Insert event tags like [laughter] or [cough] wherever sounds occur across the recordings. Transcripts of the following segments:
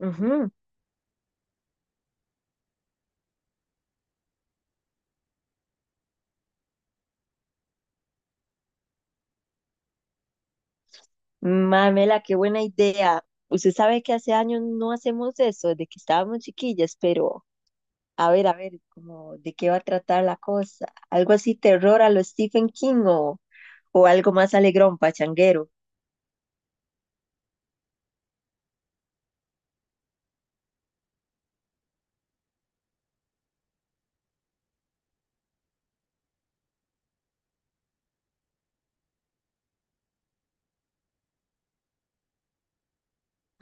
Ujú. Mamela, qué buena idea. Usted sabe que hace años no hacemos eso, desde que estábamos chiquillas, pero a ver, como de qué va a tratar la cosa. Algo así terror a lo Stephen King o algo más alegrón, pachanguero.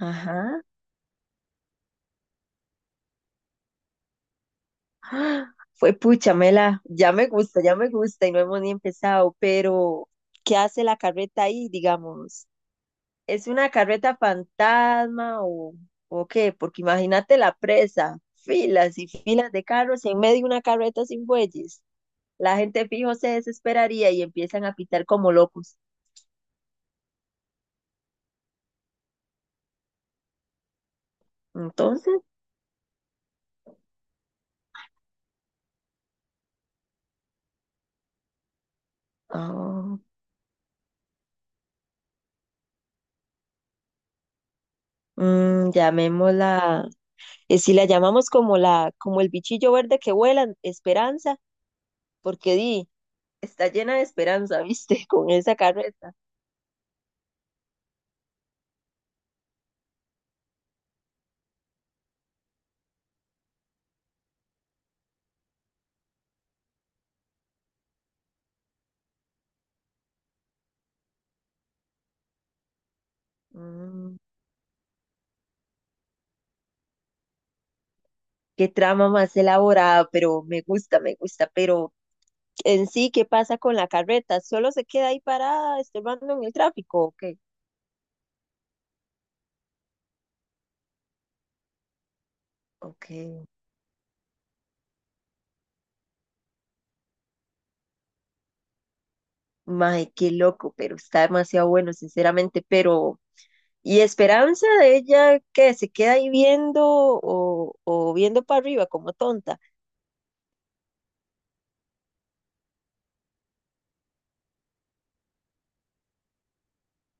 Ajá. ¡Ah! Fue pucha, Mela, ya me gusta y no hemos ni empezado, pero ¿qué hace la carreta ahí, digamos? ¿Es una carreta fantasma o qué? Porque imagínate la presa, filas y filas de carros y en medio una carreta sin bueyes. La gente fijo se desesperaría y empiezan a pitar como locos. Entonces, ah, llamémosla, si la llamamos como la, como el bichillo verde que vuela, Esperanza, porque di, está llena de esperanza, ¿viste? [laughs] Con esa carreta. Mm, qué trama más elaborada, pero me gusta, pero en sí, ¿qué pasa con la carreta? ¿Solo se queda ahí parada, estorbando en el tráfico? Ok, ok. Mae, qué loco, pero está demasiado bueno, sinceramente. Pero, ¿y esperanza de ella qué se queda ahí viendo o viendo para arriba como tonta?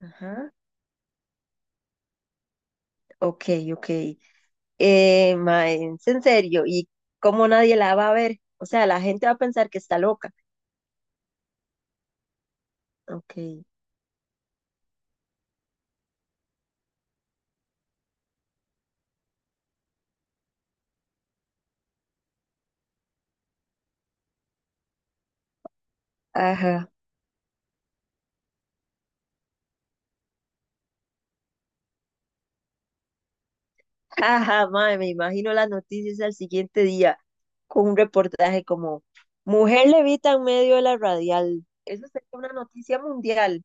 Ajá, ok, ok. Mae, es en serio, ¿y cómo nadie la va a ver? O sea, la gente va a pensar que está loca. Ok, ajá. Ajá, mae, me imagino las noticias al siguiente día con un reportaje como Mujer levita en medio de la radial. Eso sería una noticia mundial.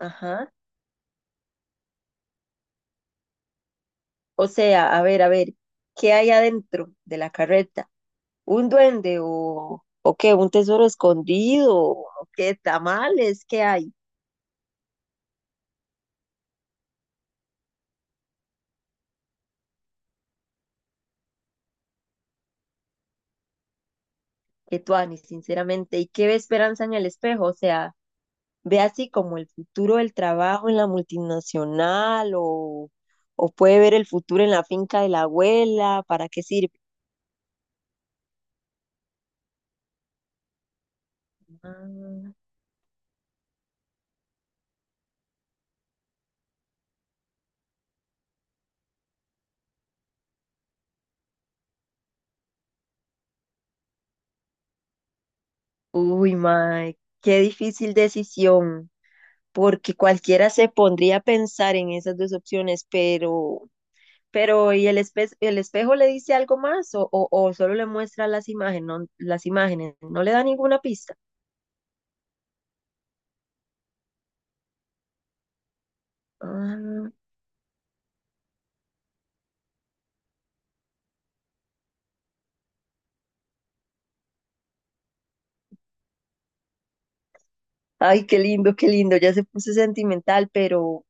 Ajá. O sea, a ver, ¿qué hay adentro de la carreta? ¿Un duende o qué? ¿Un tesoro escondido? ¿O qué tamales? ¿Qué hay? Que tuani, sinceramente. ¿Y qué ve esperanza en el espejo? O sea, ve así como el futuro del trabajo en la multinacional o puede ver el futuro en la finca de la abuela, ¿para qué sirve? Ah, uy, mae, qué difícil decisión, porque cualquiera se pondría a pensar en esas dos opciones, pero ¿y el el espejo le dice algo más o solo le muestra las imágenes, no le da ninguna pista? Ah, ay, qué lindo, ya se puso sentimental, pero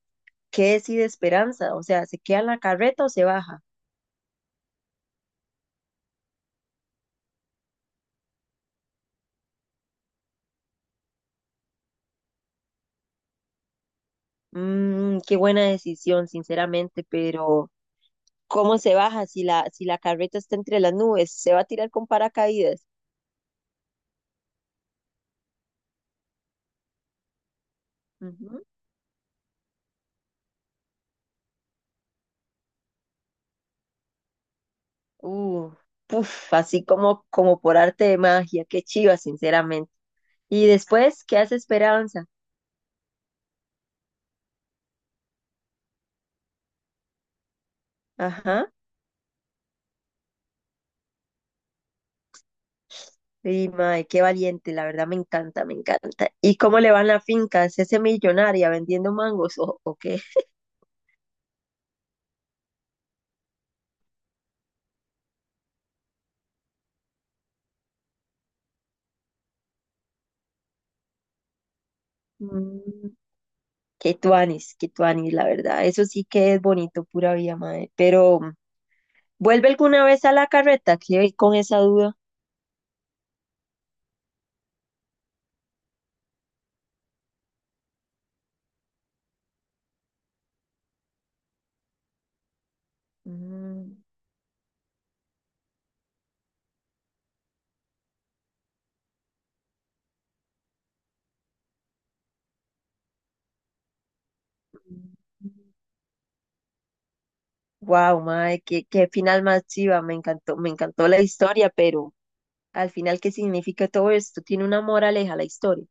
¿qué decide Esperanza? O sea, ¿se queda en la carreta o se baja? Qué buena decisión, sinceramente, pero ¿cómo se baja si si la carreta está entre las nubes? ¿Se va a tirar con paracaídas? Ujú. Uh, puf, así como, como por arte de magia, qué chiva, sinceramente. Y después, ¿qué hace Esperanza? Ajá. Y mae, qué valiente, la verdad me encanta, me encanta. ¿Y cómo le va en la finca? ¿Se hace millonaria vendiendo mangos o qué? Mm. Qué tuanis, la verdad. Eso sí que es bonito, pura vida, madre. Pero, ¿vuelve alguna vez a la carreta? Quedé con esa duda. Mm. Wow, madre, qué final más chiva. Me encantó la historia, pero al final, ¿qué significa todo esto? Tiene una moraleja la historia.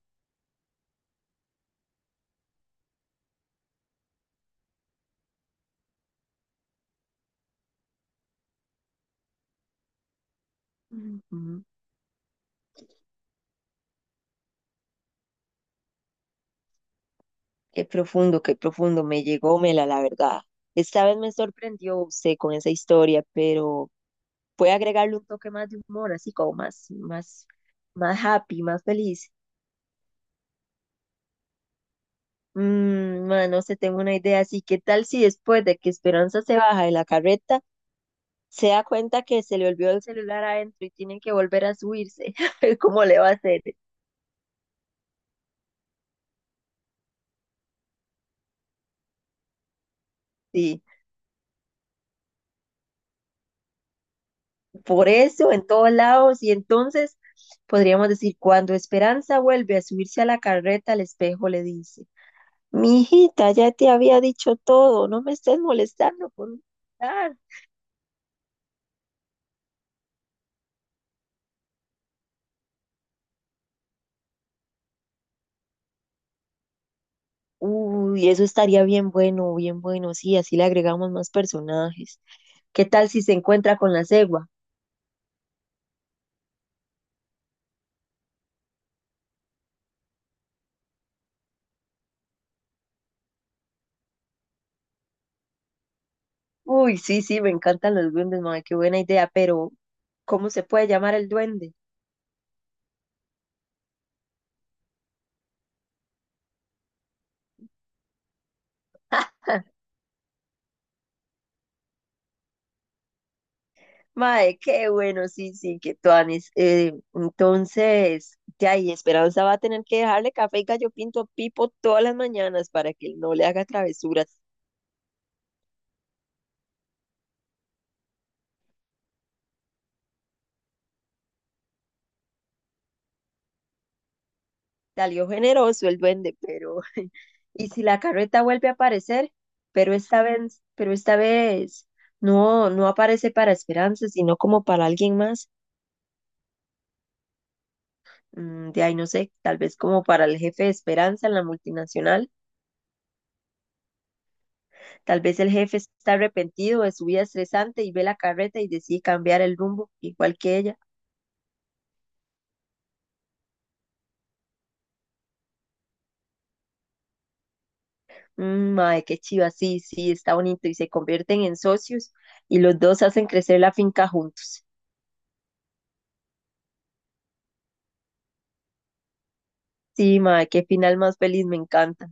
Ujú. Qué profundo, qué profundo. Me llegó Mela, la verdad. Esta vez me sorprendió usted con esa historia, pero puede agregarle un toque más de humor, así como más happy, más feliz. Ma, no sé, tengo una idea. Así, ¿qué tal si después de que Esperanza se baja de la carreta, se da cuenta que se le olvidó el celular adentro y tienen que volver a subirse? [laughs] ¿Cómo le va a hacer? Sí, por eso, en todos lados. Y entonces podríamos decir, cuando Esperanza vuelve a subirse a la carreta, el espejo le dice, mi hijita, ya te había dicho todo, no me estés molestando con uy, eso estaría bien bueno, sí, así le agregamos más personajes. ¿Qué tal si se encuentra con la cegua? Uy, sí, sí, me encantan los duendes, mae, qué buena idea, pero ¿cómo se puede llamar el duende? Mae, qué bueno, sí, sí, qué tuanis. Entonces, de ahí, Esperanza va a tener que dejarle café y gallo pinto a Pipo todas las mañanas para que él no le haga travesuras. Salió generoso el duende, pero y si la carreta vuelve a aparecer, pero esta vez no, no aparece para Esperanza, sino como para alguien más. De ahí no sé, tal vez como para el jefe de Esperanza en la multinacional. Tal vez el jefe está arrepentido de su vida estresante y ve la carreta y decide cambiar el rumbo, igual que ella. Mae, qué chiva, sí, sí, está bonito. Y se convierten en socios y los dos hacen crecer la finca juntos. Sí, mae, qué final más feliz, me encanta.